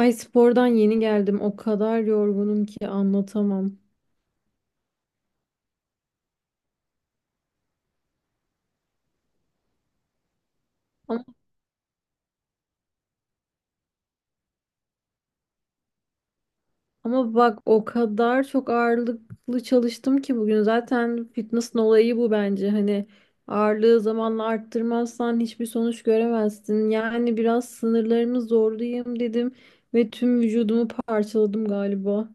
Ay spordan yeni geldim. O kadar yorgunum ki anlatamam. Ama, ama bak o kadar çok ağırlıklı çalıştım ki bugün. Zaten fitness'ın olayı bu bence. Hani ağırlığı zamanla arttırmazsan hiçbir sonuç göremezsin. Yani biraz sınırlarımı zorlayayım dedim ve tüm vücudumu parçaladım galiba.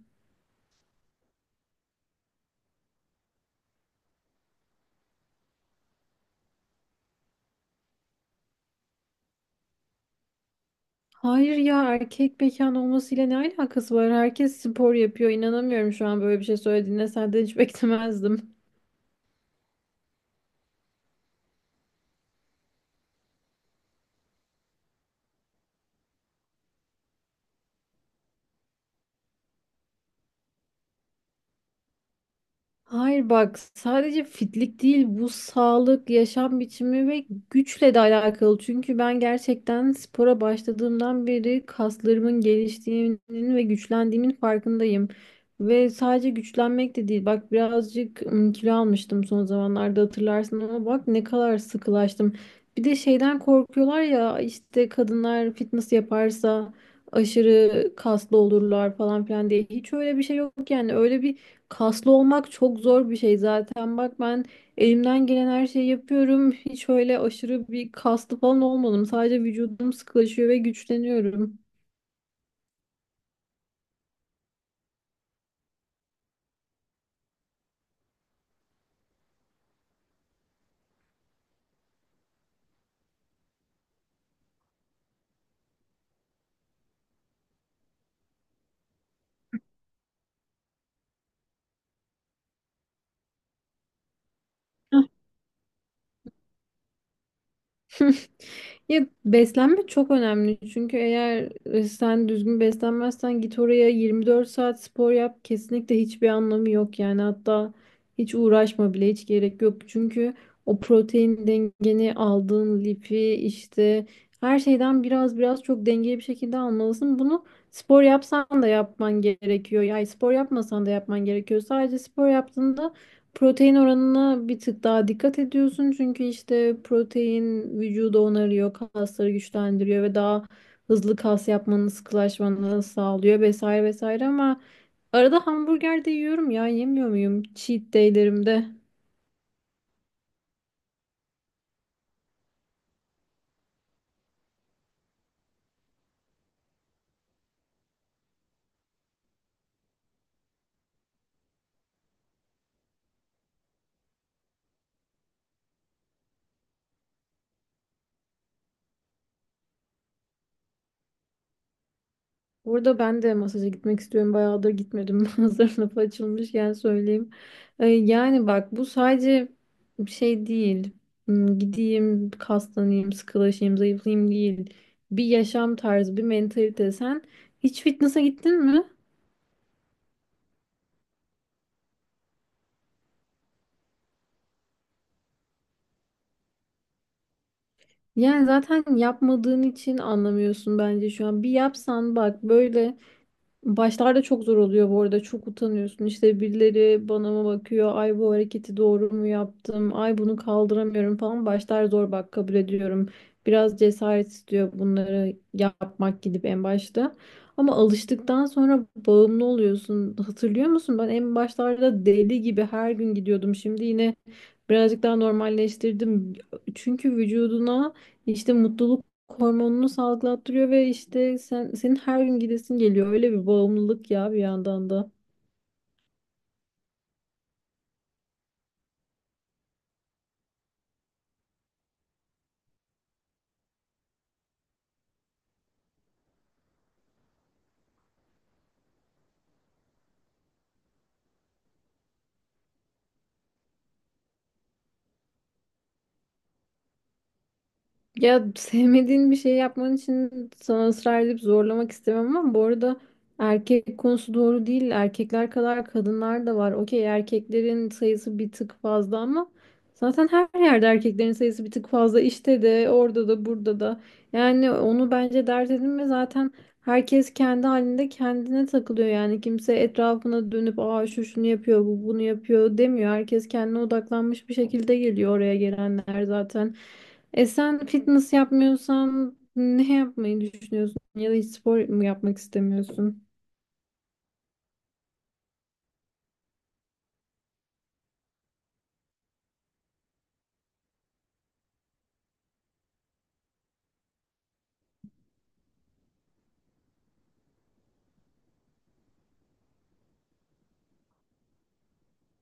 Hayır ya, erkek mekan olmasıyla ne alakası var? Herkes spor yapıyor. İnanamıyorum şu an böyle bir şey söylediğine. Senden hiç beklemezdim. Hayır bak, sadece fitlik değil bu, sağlık, yaşam biçimi ve güçle de alakalı. Çünkü ben gerçekten spora başladığımdan beri kaslarımın geliştiğinin ve güçlendiğimin farkındayım. Ve sadece güçlenmek de değil. Bak birazcık kilo almıştım son zamanlarda, hatırlarsın, ama bak ne kadar sıkılaştım. Bir de şeyden korkuyorlar ya, işte kadınlar fitness yaparsa aşırı kaslı olurlar falan filan diye. Hiç öyle bir şey yok, yani öyle bir kaslı olmak çok zor bir şey zaten. Bak ben elimden gelen her şeyi yapıyorum. Hiç öyle aşırı bir kaslı falan olmadım. Sadece vücudum sıkılaşıyor ve güçleniyorum. Ya beslenme çok önemli, çünkü eğer sen düzgün beslenmezsen, git oraya 24 saat spor yap, kesinlikle hiçbir anlamı yok. Yani hatta hiç uğraşma bile, hiç gerek yok. Çünkü o protein dengeni, aldığın lifi, işte her şeyden biraz çok dengeli bir şekilde almalısın. Bunu spor yapsan da yapman gerekiyor, yani spor yapmasan da yapman gerekiyor. Sadece spor yaptığında protein oranına bir tık daha dikkat ediyorsun, çünkü işte protein vücudu onarıyor, kasları güçlendiriyor ve daha hızlı kas yapmanı, sıkılaşmanı sağlıyor vesaire vesaire. Ama arada hamburger de yiyorum ya, yemiyor muyum cheat day'lerimde? Burada ben de masaja gitmek istiyorum. Bayağıdır gitmedim. Hazır lafı açılmışken söyleyeyim. Yani bak, bu sadece bir şey değil. Gideyim, kaslanayım, sıkılaşayım, zayıflayayım değil. Bir yaşam tarzı, bir mentalite. Sen hiç fitness'a gittin mi? Yani zaten yapmadığın için anlamıyorsun bence şu an. Bir yapsan bak, böyle başlarda çok zor oluyor bu arada. Çok utanıyorsun. İşte birileri bana mı bakıyor? Ay bu hareketi doğru mu yaptım? Ay bunu kaldıramıyorum falan. Başlar zor, bak kabul ediyorum. Biraz cesaret istiyor bunları yapmak, gidip en başta. Ama alıştıktan sonra bağımlı oluyorsun. Hatırlıyor musun? Ben en başlarda deli gibi her gün gidiyordum. Şimdi yine birazcık daha normalleştirdim. Çünkü vücuduna işte mutluluk hormonunu salgılattırıyor ve işte sen, senin her gün gidesin geliyor. Öyle bir bağımlılık ya bir yandan da. Ya sevmediğin bir şey yapman için sana ısrar edip zorlamak istemem, ama bu arada erkek konusu doğru değil. Erkekler kadar kadınlar da var. Okey, erkeklerin sayısı bir tık fazla, ama zaten her yerde erkeklerin sayısı bir tık fazla. İşte de, orada da, burada da. Yani onu bence dert edinme, zaten herkes kendi halinde kendine takılıyor. Yani kimse etrafına dönüp aa şu şunu yapıyor, bu bunu yapıyor demiyor. Herkes kendine odaklanmış bir şekilde geliyor, oraya gelenler zaten. E sen fitness yapmıyorsan ne yapmayı düşünüyorsun? Ya da hiç spor mu yapmak istemiyorsun?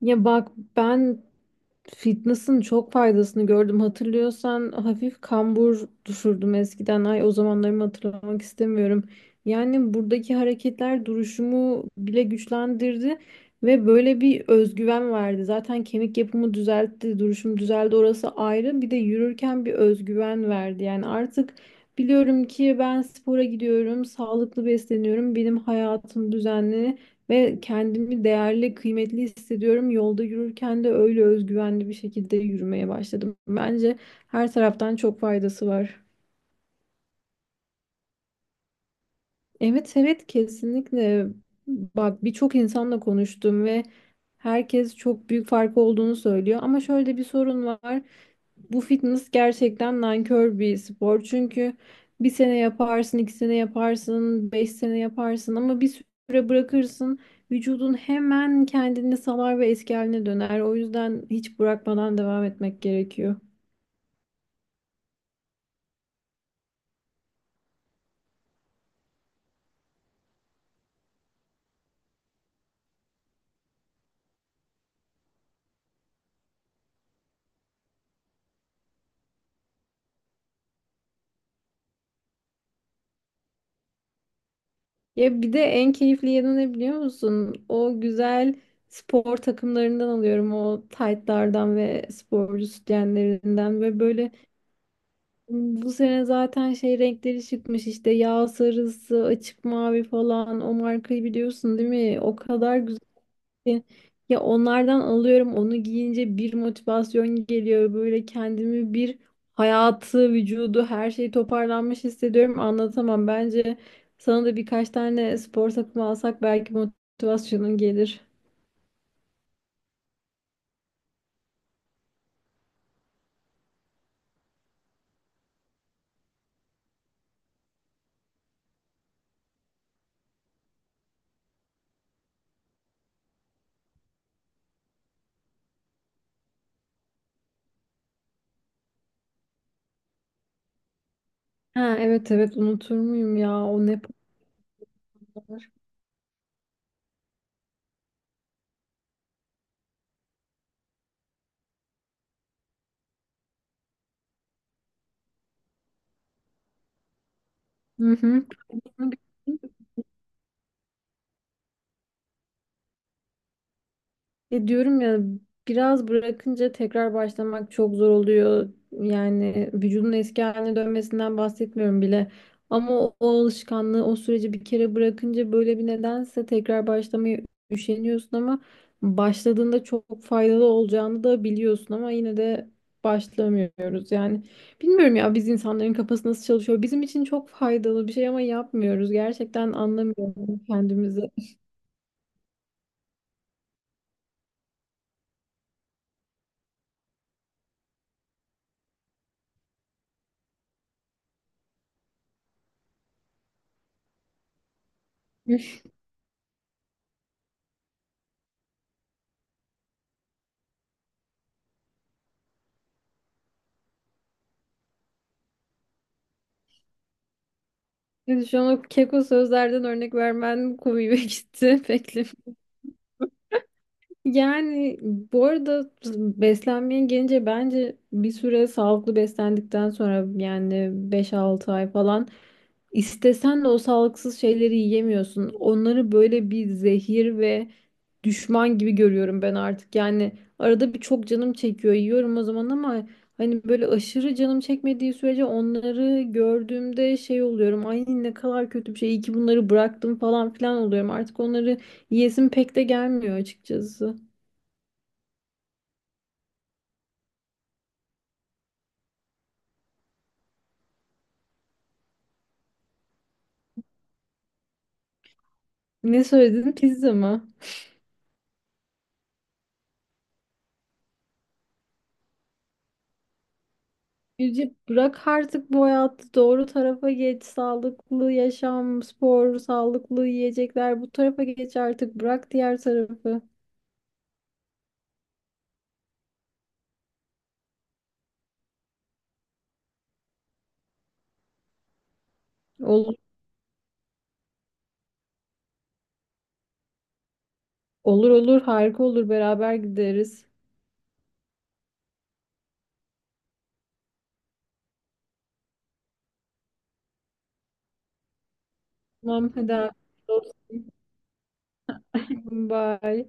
Ya bak, ben fitness'ın çok faydasını gördüm. Hatırlıyorsan hafif kambur düşürdüm eskiden. Ay, o zamanlarımı hatırlamak istemiyorum. Yani buradaki hareketler duruşumu bile güçlendirdi ve böyle bir özgüven verdi. Zaten kemik yapımı düzeltti, duruşum düzeldi, orası ayrı. Bir de yürürken bir özgüven verdi. Yani artık biliyorum ki ben spora gidiyorum, sağlıklı besleniyorum, benim hayatım düzenli. Ve kendimi değerli, kıymetli hissediyorum. Yolda yürürken de öyle özgüvenli bir şekilde yürümeye başladım. Bence her taraftan çok faydası var. Evet, evet, kesinlikle. Bak birçok insanla konuştum ve herkes çok büyük fark olduğunu söylüyor. Ama şöyle bir sorun var. Bu fitness gerçekten nankör bir spor. Çünkü bir sene yaparsın, iki sene yaparsın, beş sene yaparsın, ama bir süre bırakırsın. Vücudun hemen kendini salar ve eski haline döner. O yüzden hiç bırakmadan devam etmek gerekiyor. Ya bir de en keyifli yanı ne biliyor musun? O güzel spor takımlarından alıyorum. O taytlardan ve sporcu sütyenlerinden ve böyle bu sene zaten şey renkleri çıkmış, işte yağ sarısı, açık mavi falan. O markayı biliyorsun değil mi? O kadar güzel ki ya, onlardan alıyorum, onu giyince bir motivasyon geliyor böyle, kendimi bir hayatı, vücudu, her şey toparlanmış hissediyorum, anlatamam. Bence sana da birkaç tane spor takımı alsak belki motivasyonun gelir. Ha, evet, evet, unutur muyum ya, o ne paralar. Hı hı. Ya diyorum ya, biraz bırakınca tekrar başlamak çok zor oluyor. Yani vücudun eski haline dönmesinden bahsetmiyorum bile. Ama o alışkanlığı, o süreci bir kere bırakınca böyle bir nedense tekrar başlamaya üşeniyorsun, ama başladığında çok faydalı olacağını da biliyorsun, ama yine de başlamıyoruz yani. Bilmiyorum ya, biz insanların kafası nasıl çalışıyor. Bizim için çok faydalı bir şey ama yapmıyoruz. Gerçekten anlamıyorum kendimizi. Yani şu an o keko sözlerden örnek vermen komiğime gitti. Bekle. Yani bu arada beslenmeye gelince, bence bir süre sağlıklı beslendikten sonra, yani beş altı ay falan, istesen de o sağlıksız şeyleri yiyemiyorsun. Onları böyle bir zehir ve düşman gibi görüyorum ben artık. Yani arada bir çok canım çekiyor, yiyorum o zaman, ama hani böyle aşırı canım çekmediği sürece onları gördüğümde şey oluyorum. Ay ne kadar kötü bir şey, iyi ki bunları bıraktım falan filan oluyorum. Artık onları yiyesim pek de gelmiyor açıkçası. Ne söyledin? Pizza mı? Yüce, bırak artık bu hayatı, doğru tarafa geç. Sağlıklı yaşam, spor, sağlıklı yiyecekler, bu tarafa geç artık. Bırak diğer tarafı. Olur, olur, olur, harika olur, beraber gideriz. Tamam hadi. Afiyet olsun. Bye.